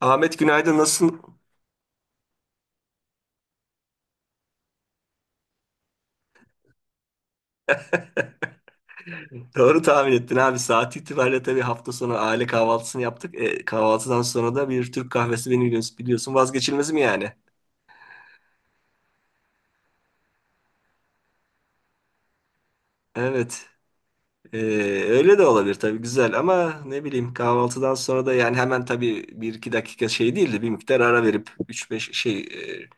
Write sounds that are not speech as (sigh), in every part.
Ahmet, günaydın, nasılsın? (laughs) Doğru tahmin ettin abi. Saat itibariyle tabii hafta sonu aile kahvaltısını yaptık. Kahvaltıdan sonra da bir Türk kahvesi beni biliyorsun, vazgeçilmez mi yani? Evet. E, Öyle de olabilir tabii, güzel, ama ne bileyim, kahvaltıdan sonra da yani hemen tabii bir iki dakika şey değildi, bir miktar ara verip üç beş şey e,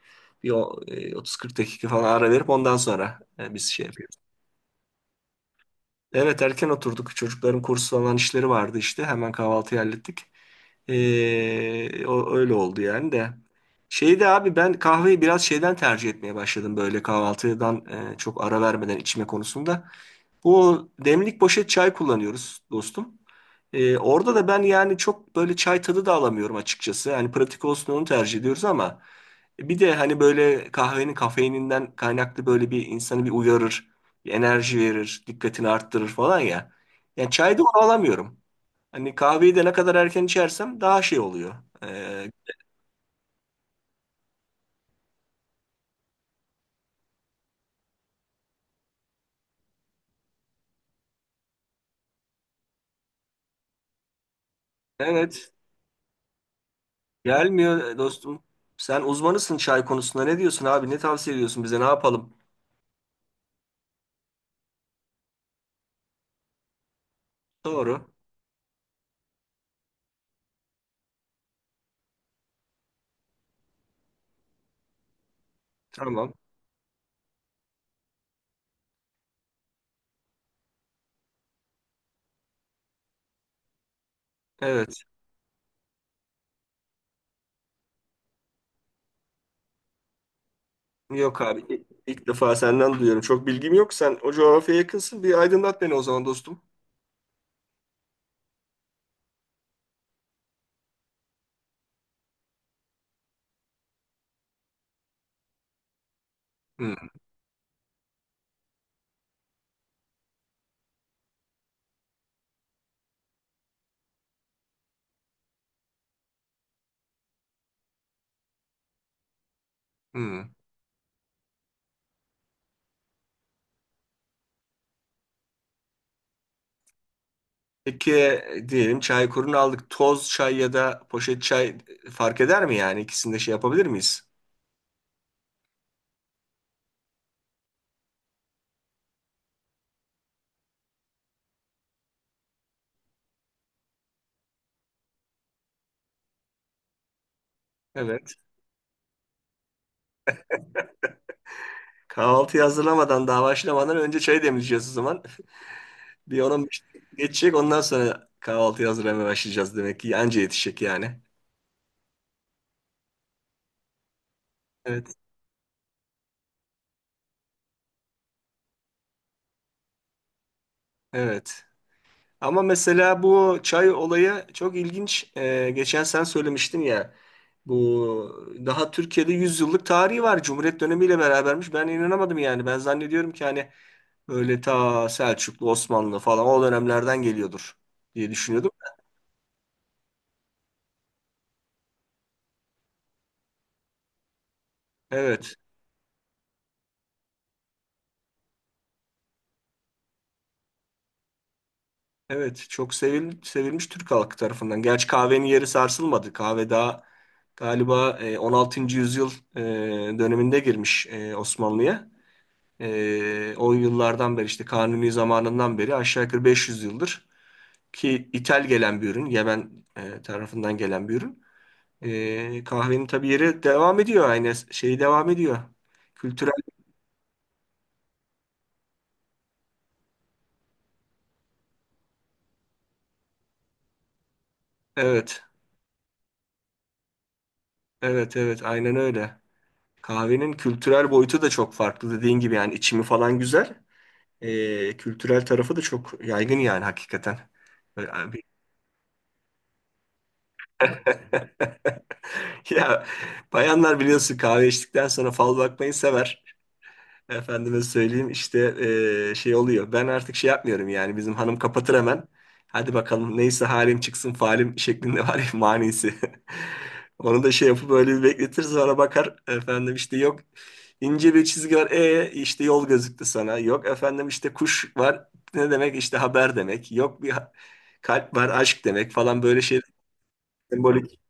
bir o- e, 30-40 dakika falan ara verip ondan sonra biz şey yapıyoruz. Evet, erken oturduk. Çocukların kursu falan işleri vardı işte. Hemen kahvaltıyı hallettik. Öyle oldu yani de. Şeyde abi, ben kahveyi biraz şeyden tercih etmeye başladım, böyle kahvaltıdan çok ara vermeden içme konusunda. Bu demlik poşet çay kullanıyoruz dostum. Orada da ben yani çok böyle çay tadı da alamıyorum açıkçası. Yani pratik olsun onu tercih ediyoruz ama bir de hani böyle kahvenin kafeininden kaynaklı böyle bir insanı bir uyarır, bir enerji verir, dikkatini arttırır falan ya. Yani çayda onu alamıyorum. Hani kahveyi de ne kadar erken içersem daha şey oluyor. Ee, evet, gelmiyor dostum. Sen uzmanısın çay konusunda. Ne diyorsun abi? Ne tavsiye ediyorsun bize? Ne yapalım? Doğru. Tamam. Evet. Yok abi, ilk defa senden duyuyorum. Çok bilgim yok. Sen o coğrafyaya yakınsın. Bir aydınlat beni o zaman dostum. Hı, hı. Peki diyelim çay kurunu aldık. Toz çay ya da poşet çay fark eder mi yani? İkisini de şey yapabilir miyiz? Evet. Kahvaltıyı hazırlamadan daha başlamadan önce çayı demleyeceğiz o zaman. (laughs) Bir 10-15 geçecek ondan sonra kahvaltıyı hazırlamaya başlayacağız demek ki. Anca yetişecek yani. Evet. Evet. Ama mesela bu çay olayı çok ilginç. Geçen sen söylemiştin ya. Bu daha Türkiye'de 100 yıllık tarihi var. Cumhuriyet dönemiyle berabermiş. Ben inanamadım yani. Ben zannediyorum ki hani böyle ta Selçuklu, Osmanlı falan o dönemlerden geliyordur diye düşünüyordum. Evet. Evet. Çok sevilmiş Türk halkı tarafından. Gerçi kahvenin yeri sarsılmadı. Kahve daha galiba 16. yüzyıl döneminde girmiş Osmanlı'ya. O yıllardan beri işte Kanuni zamanından beri aşağı yukarı 500 yıldır ki ithal gelen bir ürün, Yemen tarafından gelen bir ürün. Kahvenin tabii yeri devam ediyor, aynı şey devam ediyor. Kültürel evet. Evet, evet, aynen öyle. Kahvenin kültürel boyutu da çok farklı dediğin gibi yani, içimi falan güzel. Kültürel tarafı da çok yaygın yani hakikaten. Böyle abi- (laughs) Ya bayanlar biliyorsun kahve içtikten sonra fal bakmayı sever. Efendime söyleyeyim işte şey oluyor. Ben artık şey yapmıyorum yani, bizim hanım kapatır hemen. Hadi bakalım neyse halim çıksın falim şeklinde var ya manisi. (laughs) Onu da şey yapıp böyle bir bekletir sonra bakar efendim işte, yok ince bir çizgi var işte yol gözüktü sana. Yok efendim işte kuş var ne demek işte haber demek. Yok bir ha- kalp var aşk demek falan böyle şey sembolik.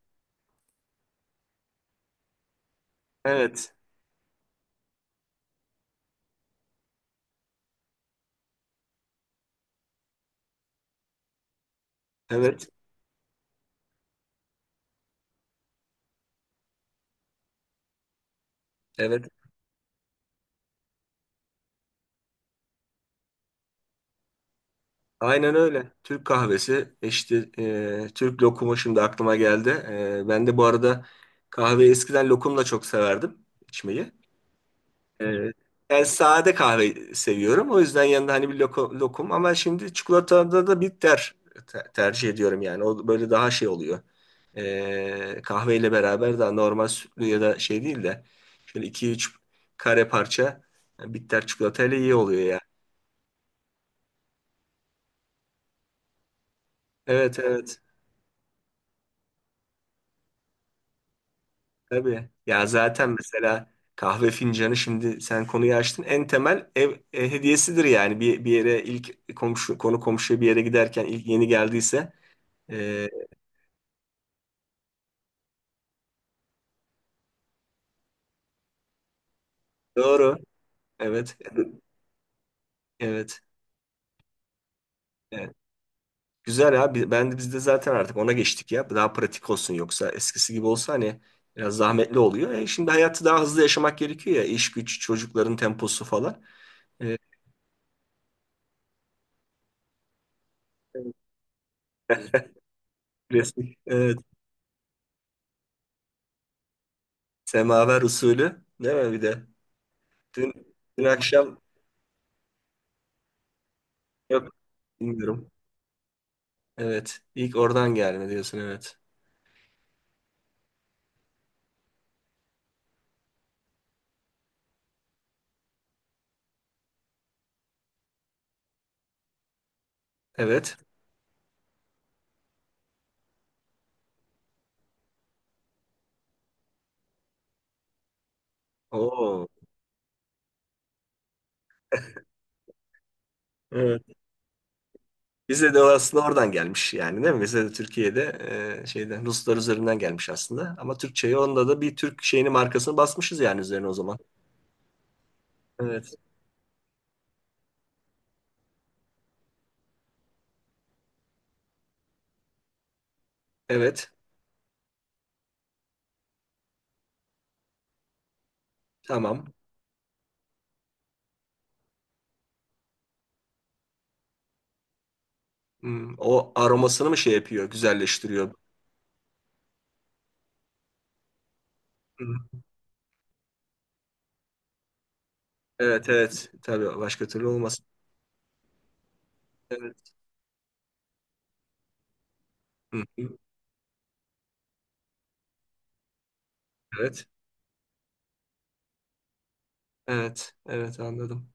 Evet, evet, evet, aynen öyle. Türk kahvesi işte, Türk lokumu şimdi aklıma geldi. E, ben de bu arada kahveyi eskiden lokumla çok severdim içmeyi. E, Ben sade kahve seviyorum. O yüzden yanında hani bir lokum, ama şimdi çikolatada da bitter tercih ediyorum yani. O böyle daha şey oluyor. Kahveyle beraber daha normal sütlü ya da şey değil de şöyle iki üç kare parça bitter çikolatayla iyi oluyor ya. Evet, evet. Tabii. Ya zaten mesela kahve fincanı, şimdi sen konuyu açtın, en temel ev hediyesidir yani. Bir yere ilk komşu konu komşuya bir yere giderken ilk yeni geldiyse. E, doğru. Evet. Evet. Evet. Güzel abi. Ben de biz de zaten artık ona geçtik ya. Daha pratik olsun, yoksa eskisi gibi olsa hani biraz zahmetli oluyor. Şimdi hayatı daha hızlı yaşamak gerekiyor ya. İş güç, çocukların temposu falan. E, resmi. Evet. Semaver usulü. Değil mi bir de? Dün akşam yok, bilmiyorum. Evet. İlk oradan gelme diyorsun, evet. Evet. Oo. Evet. Bize de aslında oradan gelmiş yani, değil mi? Bize de Türkiye'de şeyden Ruslar üzerinden gelmiş aslında. Ama Türkçeyi onda da bir Türk şeyini markasını basmışız yani üzerine o zaman. Evet. Evet. Tamam. Hmm, o aromasını mı şey yapıyor, güzelleştiriyor? Hı. Evet, evet. Tabii, başka türlü olmaz. Evet. Hı hı. Evet. Evet Evet anladım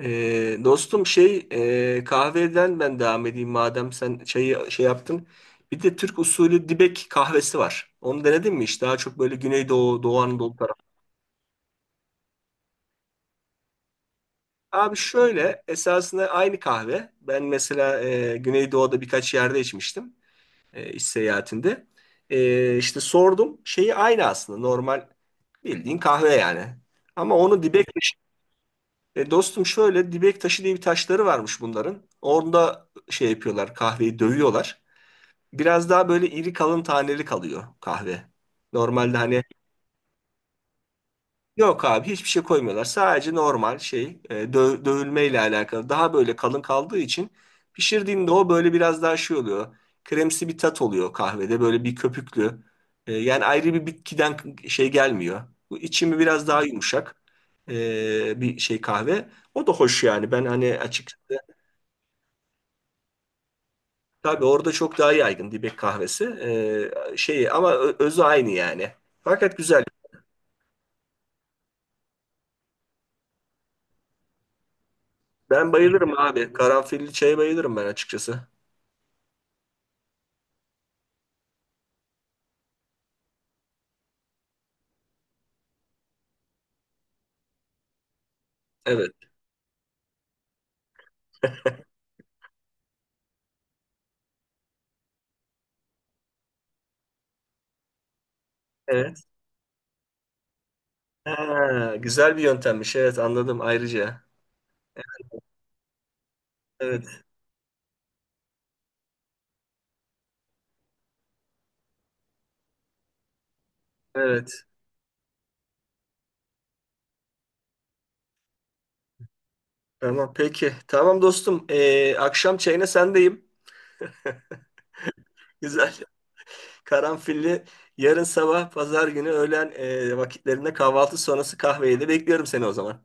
Dostum şey, kahveden ben devam edeyim madem sen çayı şey yaptın. Bir de Türk usulü dibek kahvesi var. Onu denedin mi hiç? Daha çok böyle Güneydoğu, Doğu Anadolu tarafı. Abi şöyle, esasında aynı kahve. Ben mesela Güneydoğu'da birkaç yerde içmiştim iş seyahatinde. İşte sordum, şeyi aynı aslında, normal bildiğin kahve yani. Ama onu dibek taşı. Dostum şöyle, dibek taşı diye bir taşları varmış bunların. Orada şey yapıyorlar, kahveyi dövüyorlar. Biraz daha böyle iri kalın taneli kalıyor kahve. Normalde hani yok abi hiçbir şey koymuyorlar. Sadece normal şey, dövülmeyle alakalı. Daha böyle kalın kaldığı için pişirdiğinde o böyle biraz daha şey oluyor. Kremsi bir tat oluyor kahvede. Böyle bir köpüklü. Yani ayrı bir bitkiden şey gelmiyor. Bu içimi biraz daha yumuşak bir şey kahve. O da hoş yani. Ben hani açık, tabii orada çok daha yaygın dibek kahvesi. Şey ama özü aynı yani. Fakat güzel. Ben bayılırım abi. Karanfilli çaya bayılırım ben açıkçası. Evet. Evet. Ha, güzel bir yöntemmiş. Evet anladım ayrıca. Evet. Evet. Tamam peki. Tamam dostum. Akşam çayına sendeyim. Güzel. (laughs) Karanfilli yarın sabah pazar günü öğlen vakitlerinde, kahvaltı sonrası kahveyi de bekliyorum seni o zaman.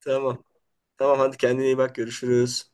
Tamam. Tamam hadi, kendine iyi bak, görüşürüz.